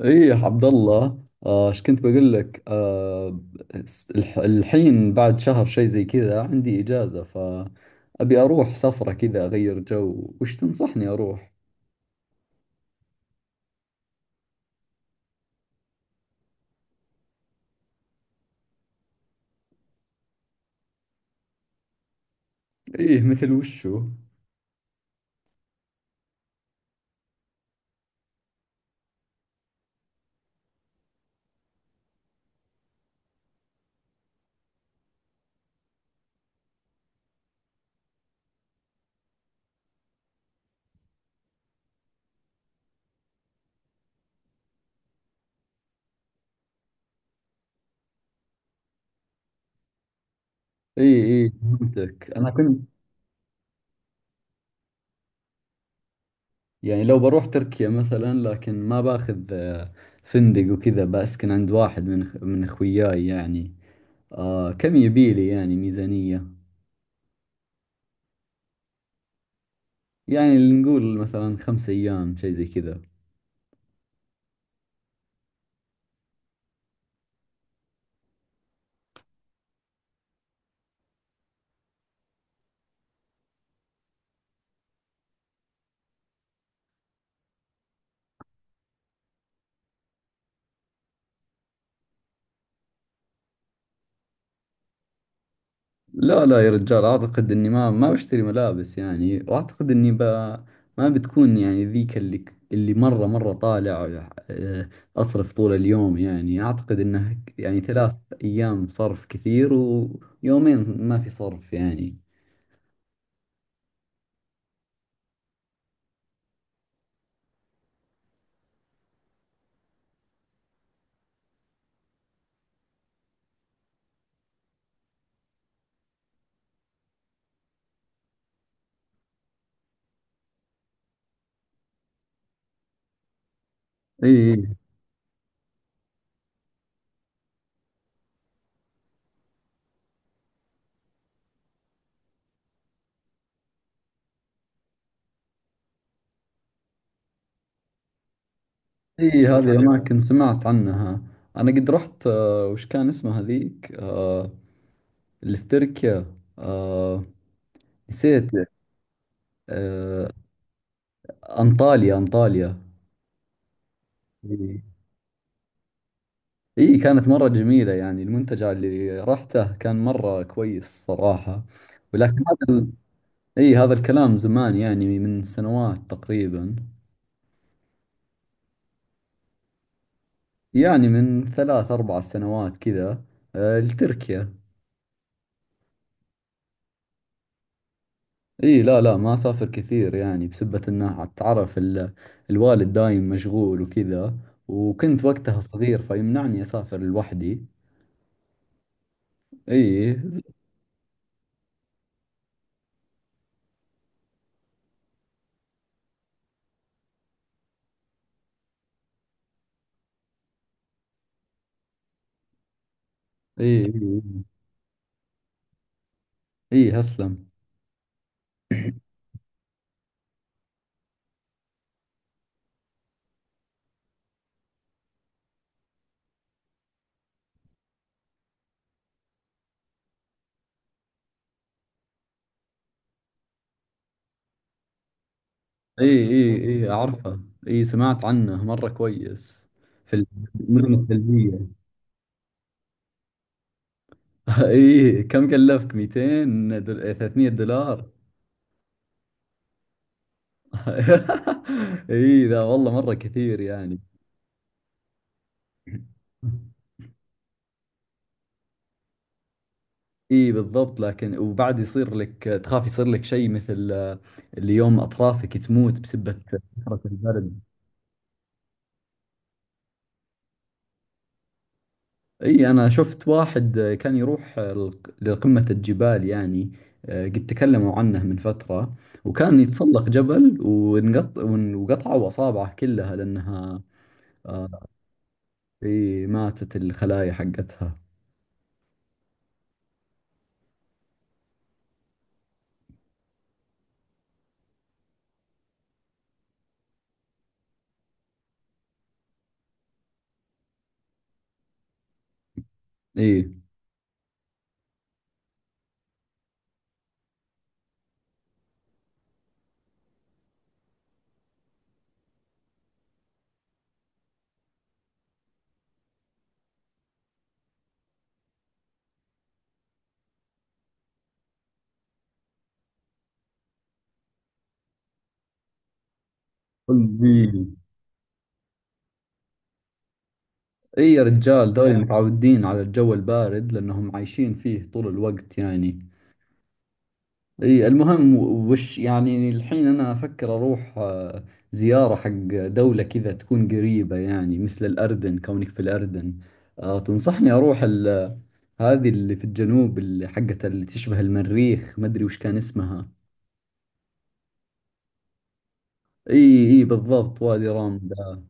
ايه يا عبد الله، ايش كنت بقول لك؟ الحين بعد شهر شيء زي كذا عندي اجازة، فأبي اروح سفرة كذا اغير جو. وش تنصحني اروح؟ ايه مثل وشو؟ ايه ايه، فهمتك. انا كنت يعني لو بروح تركيا مثلا، لكن ما باخذ فندق وكذا، بسكن عند واحد من من اخوياي يعني. كم يبيلي يعني ميزانية؟ يعني اللي نقول مثلا 5 ايام شيء زي كذا. لا لا يا رجال، أعتقد إني ما بشتري ملابس يعني، وأعتقد إني ما بتكون يعني ذيك اللي اللي مرة مرة طالع، أصرف طول اليوم. يعني أعتقد إنه يعني 3 أيام صرف كثير، ويومين ما في صرف يعني. إي إي، هذه الأماكن سمعت عنها. أنا قد رحت، وش كان اسمها ذيك اللي في تركيا؟ آه، نسيت. آه، أنطاليا أنطاليا. اي، كانت مرة جميلة. يعني المنتجع اللي رحته كان مرة كويس صراحة. ولكن هذا اي، هذا الكلام زمان يعني، من سنوات تقريبا. يعني من ثلاث اربع سنوات كذا. لتركيا. اي لا لا، ما اسافر كثير يعني، بسبة انه تعرف الوالد دايم مشغول وكذا. وكنت وقتها صغير فيمنعني اسافر لوحدي. اي اي اي. اي اسلم. اي اي اي، اعرفها. اي، سمعت عنه مرة كويس. في المدن الثلجية. اي، كم كلفك؟ 200 دول... إيه، 300 دولار. اي ذا والله مرة كثير يعني. اي بالضبط. لكن وبعد يصير لك تخاف، يصير لك شيء مثل اليوم اطرافك تموت بسبة كثرة البرد. اي، انا شفت واحد، كان يروح لقمة الجبال يعني. قد تكلموا عنه من فترة. وكان يتسلق جبل ونقط وقطعوا اصابعه كلها لانها آه، اي ماتت الخلايا حقتها. اي قلبي. اي يا رجال، ذول متعودين على الجو البارد لانهم عايشين فيه طول الوقت يعني. اي المهم، وش يعني الحين انا افكر اروح زيارة حق دولة كذا تكون قريبة يعني مثل الاردن. كونك في الاردن، تنصحني اروح هذه اللي في الجنوب اللي حقت اللي تشبه المريخ؟ ما ادري وش كان اسمها. اي اي بالضبط، وادي رام ده.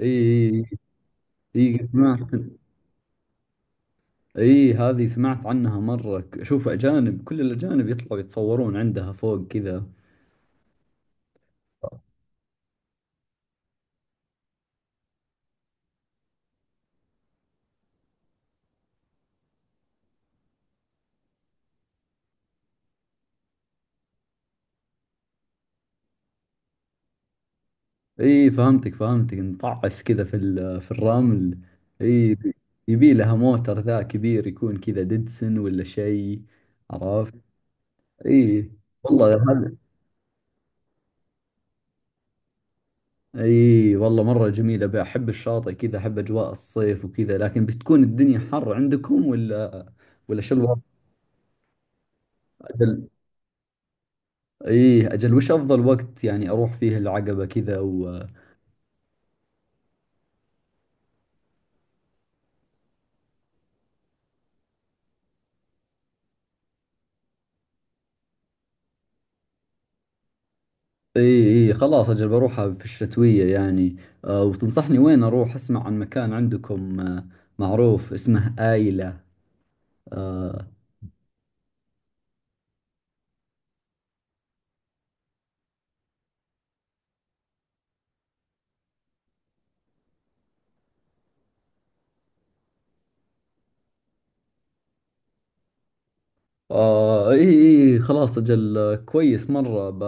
اي اي اي، سمعت. اي، هذه سمعت عنها مرة. شوف اجانب، كل الاجانب يطلعوا يتصورون عندها فوق كذا. اي فهمتك فهمتك، نطعس كذا في في الرمل. اي، يبي لها موتر ذا كبير يكون كذا ديدسن ولا شيء، عرفت. اي والله هذا. اي والله مرة جميلة، بحب الشاطئ كذا، احب اجواء الصيف وكذا. لكن بتكون الدنيا حر عندكم ولا شو الوضع؟ اجل. اي اجل، وش افضل وقت يعني اروح فيه العقبة كذا؟ اي اي خلاص، اجل بروحها في الشتوية يعني. وتنصحني وين اروح؟ اسمع عن مكان عندكم معروف اسمه آيلة. آه آه. اي اي خلاص اجل، كويس مرة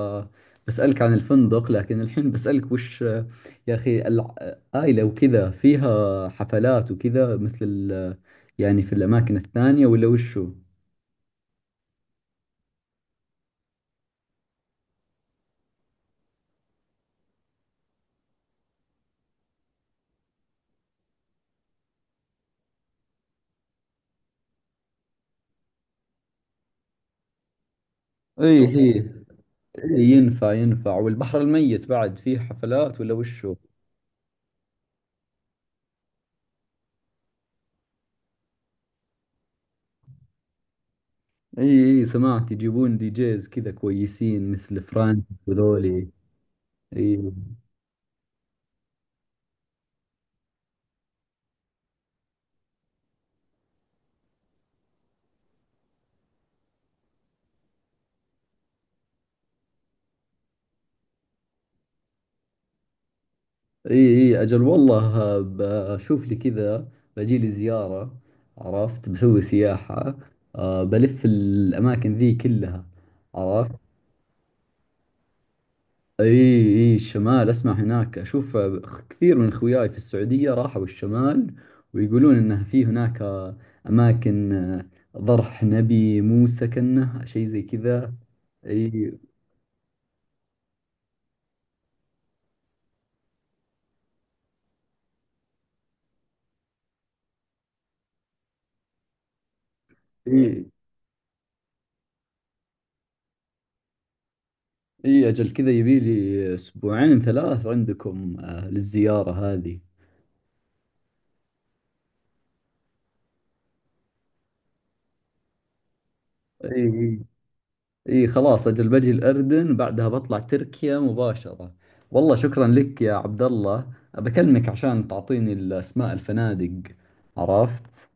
بسألك عن الفندق. لكن الحين بسألك، وش يا اخي آيلة وكذا فيها حفلات وكذا مثل يعني في الاماكن الثانية ولا وشو؟ اي شوف اي. إي، ينفع ينفع. والبحر الميت بعد فيه حفلات ولا وشو؟ اي اي، سمعت يجيبون دي جيز كذا كويسين مثل فرانك وذولي. اي اي اي اجل، والله بشوف لي كذا. بجي لي زيارة، عرفت. بسوي سياحة، بلف الاماكن ذي كلها، عرفت. اي اي الشمال، اسمع هناك اشوف كثير من اخوياي في السعودية راحوا الشمال، ويقولون انه في هناك اماكن، ضرح نبي موسى كنه شيء زي كذا. اي اي اي اجل، كذا يبي لي اسبوعين ثلاث عندكم للزيارة هذه. اي اي إي خلاص، اجل بجي الاردن بعدها بطلع تركيا مباشرة. والله شكرا لك يا عبد الله. بكلمك عشان تعطيني الاسماء الفنادق، عرفت.